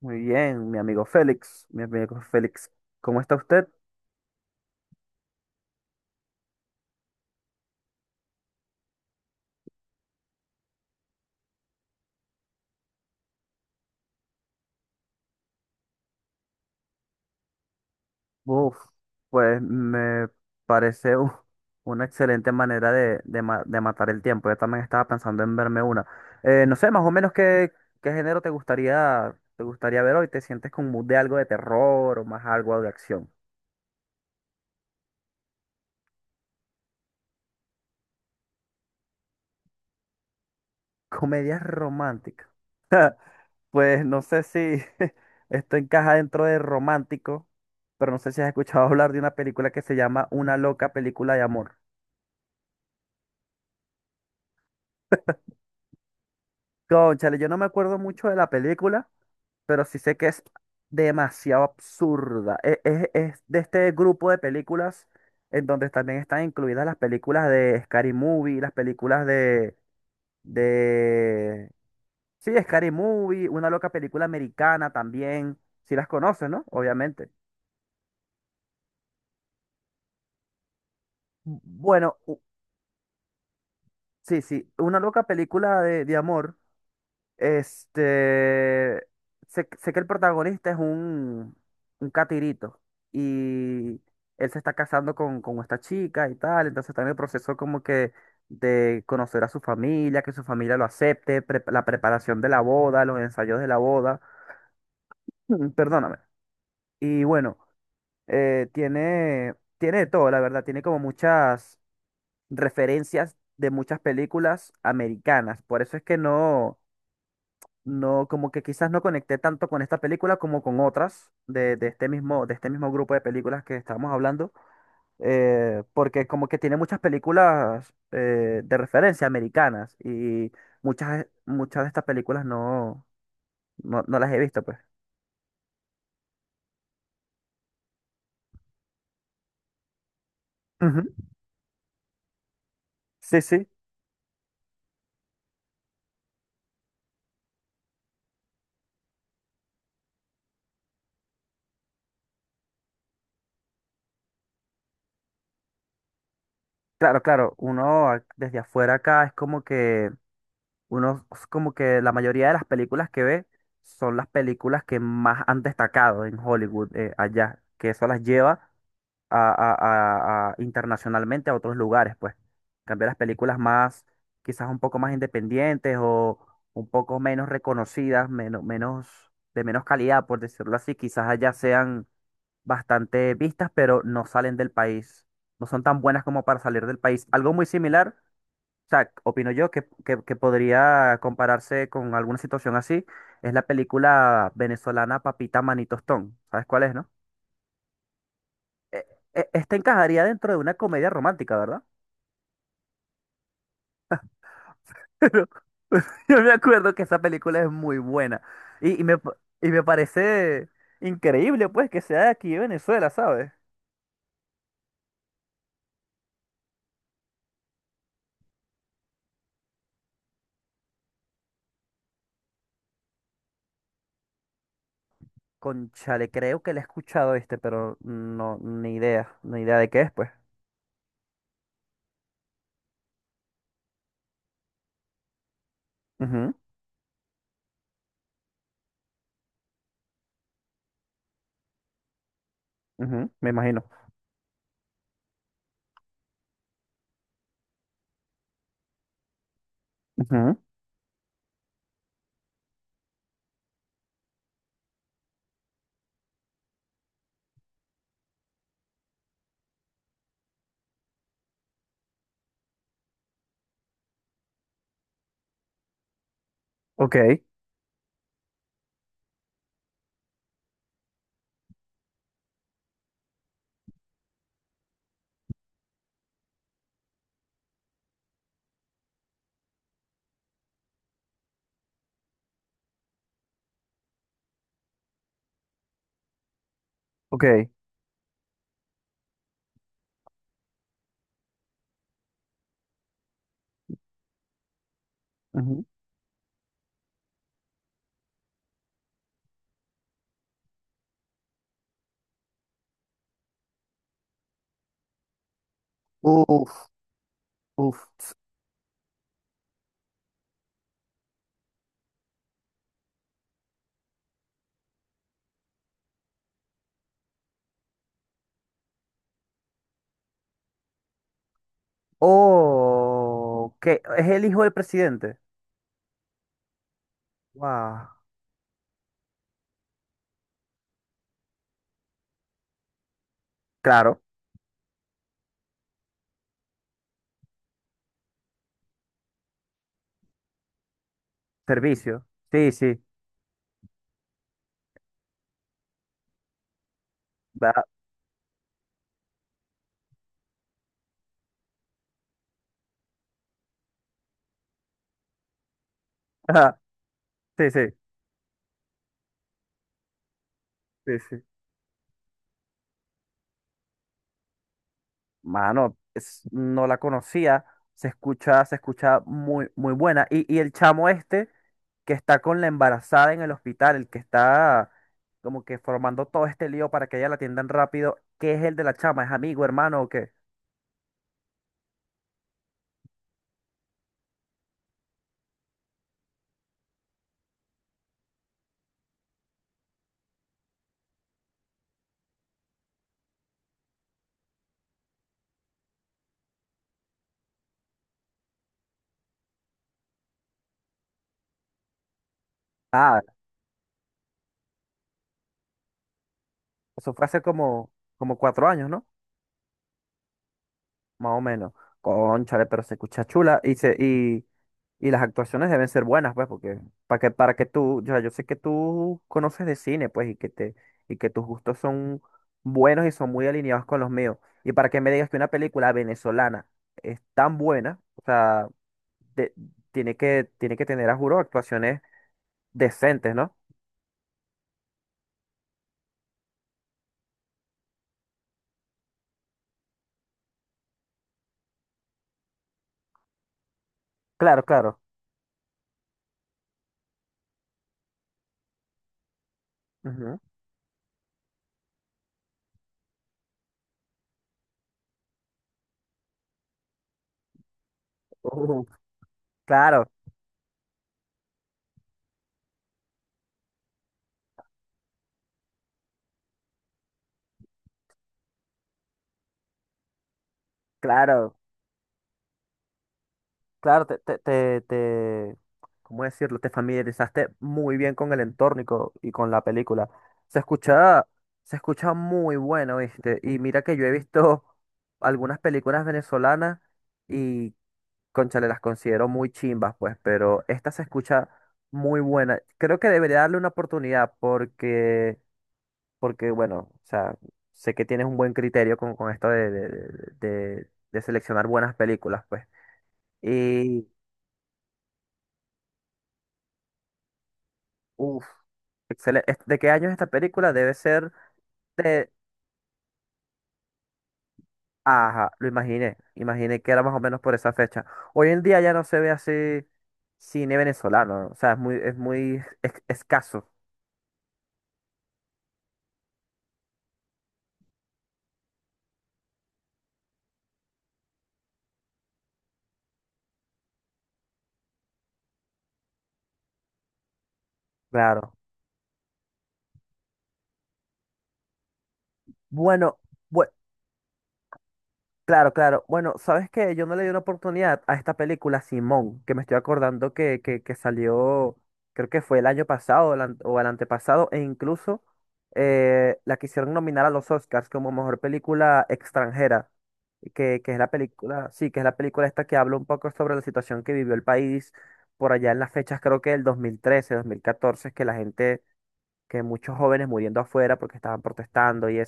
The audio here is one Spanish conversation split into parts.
Muy bien, mi amigo Félix, ¿cómo está usted? Uf, pues me parece una excelente manera de, de de matar el tiempo. Yo también estaba pensando en verme una. No sé, más o menos qué género te gustaría ver hoy. ¿Te sientes con mood de algo de terror o más algo de acción? Comedias románticas. Pues no sé si esto encaja dentro de romántico, pero no sé si has escuchado hablar de una película que se llama Una loca película de amor. Cónchale, yo no me acuerdo mucho de la película, pero sí sé que es demasiado absurda. Es de este grupo de películas en donde también están incluidas las películas de Scary Movie, las películas de. Sí, Scary Movie, una loca película americana también. Si las conoces, ¿no? Obviamente. Bueno, sí, sí, una loca película de amor. Este, sé que el protagonista es un catirito y él se está casando con esta chica y tal, entonces está en el proceso como que de conocer a su familia, que su familia lo acepte, la preparación de la boda, los ensayos de la boda. Mm, perdóname. Y bueno, tiene de todo, la verdad, tiene como muchas referencias de muchas películas americanas, por eso es que no... No, como que quizás no conecté tanto con esta película como con otras de, de este mismo grupo de películas que estábamos hablando, porque como que tiene muchas películas de referencia americanas y muchas, muchas de estas películas no las he visto, pues. Ujú. Sí, sí, claro, claro. Desde afuera acá es como que uno es como que la mayoría de las películas que ve son las películas que más han destacado en Hollywood allá, que eso las lleva a, internacionalmente a otros lugares, pues. Cambiar las películas más, quizás un poco más independientes o un poco menos reconocidas, de menos calidad, por decirlo así, quizás allá sean bastante vistas, pero no salen del país, no son tan buenas como para salir del país. Algo muy similar, o sea, opino yo que podría compararse con alguna situación así, es la película venezolana Papita Manitostón. ¿Sabes cuál es, no? e- Esta encajaría dentro de una comedia romántica, ¿verdad? Yo me acuerdo que esa película es muy buena. Y, y me parece increíble, pues, que sea de aquí de Venezuela, ¿sabes? Conchale, creo que la he escuchado este, pero no, ni idea, ni idea de qué es, pues. Ujú, ujú, me imagino. Ujú, ok, ok, ujú. Uf, uf. Oh, que es el hijo del presidente. Wow. Claro, servicio. Sí, sí. Ajá, sí, sí, sí, sí. Mano, no la conocía. Se escucha muy, muy buena. Y el chamo este que está con la embarazada en el hospital, el que está como que formando todo este lío para que ella la atiendan rápido, ¿qué es el de la chama? ¿Es amigo, hermano o qué? Ah, eso fue hace como, como cuatro años, ¿no? Más o menos. Cónchale, pero se escucha chula y y las actuaciones deben ser buenas, pues, porque para que tú, ya yo sé que tú conoces de cine, pues, y que tus gustos son buenos y son muy alineados con los míos. Y para que me digas que una película venezolana es tan buena, o sea, de- tiene que tener a juro actuaciones decentes, ¿no? Claro, claro. Ujú. Ujú. Claro, claro. Claro, ¿cómo decirlo? Te familiarizaste muy bien con el entorno y y con la película. Se escucha, se escucha muy bueno, ¿viste? Y mira que yo he visto algunas películas venezolanas y, cónchale, las considero muy chimbas, pues, pero esta se escucha muy buena. Creo que debería darle una oportunidad porque, porque bueno, o sea, sé que tienes un buen criterio con esto de, de seleccionar buenas películas, pues. Y uf, excelente. ¿De qué año es esta película? Debe ser de... Ajá, lo imaginé. Imaginé que era más o menos por esa fecha. Hoy en día ya no se ve así cine venezolano, ¿no? O sea, es muy, escaso. Claro. Bueno, bu- Claro, claro. Bueno, ¿sabes qué? Yo no le di una oportunidad a esta película Simón, que me estoy acordando que salió, creo que fue el año pasado o o el antepasado, e incluso la quisieron nominar a los Oscars como mejor película extranjera, que es la película, sí, que es la película esta que habla un poco sobre la situación que vivió el país por allá en las fechas, creo que del 2013, 2014, que la gente, que muchos jóvenes muriendo afuera porque estaban protestando y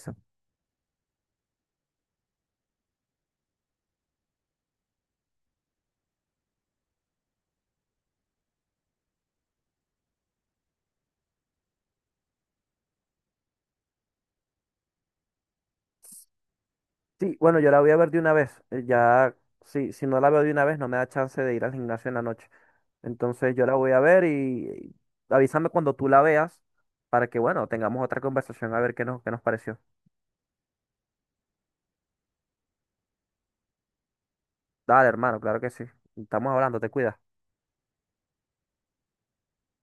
sí, bueno, yo la voy a ver de una vez. Ya, sí, si no la veo de una vez, no me da chance de ir al gimnasio en la noche. Entonces yo la voy a ver y avísame cuando tú la veas para que, bueno, tengamos otra conversación a ver qué nos pareció. Dale, hermano, claro que sí. Estamos hablando, te cuidas.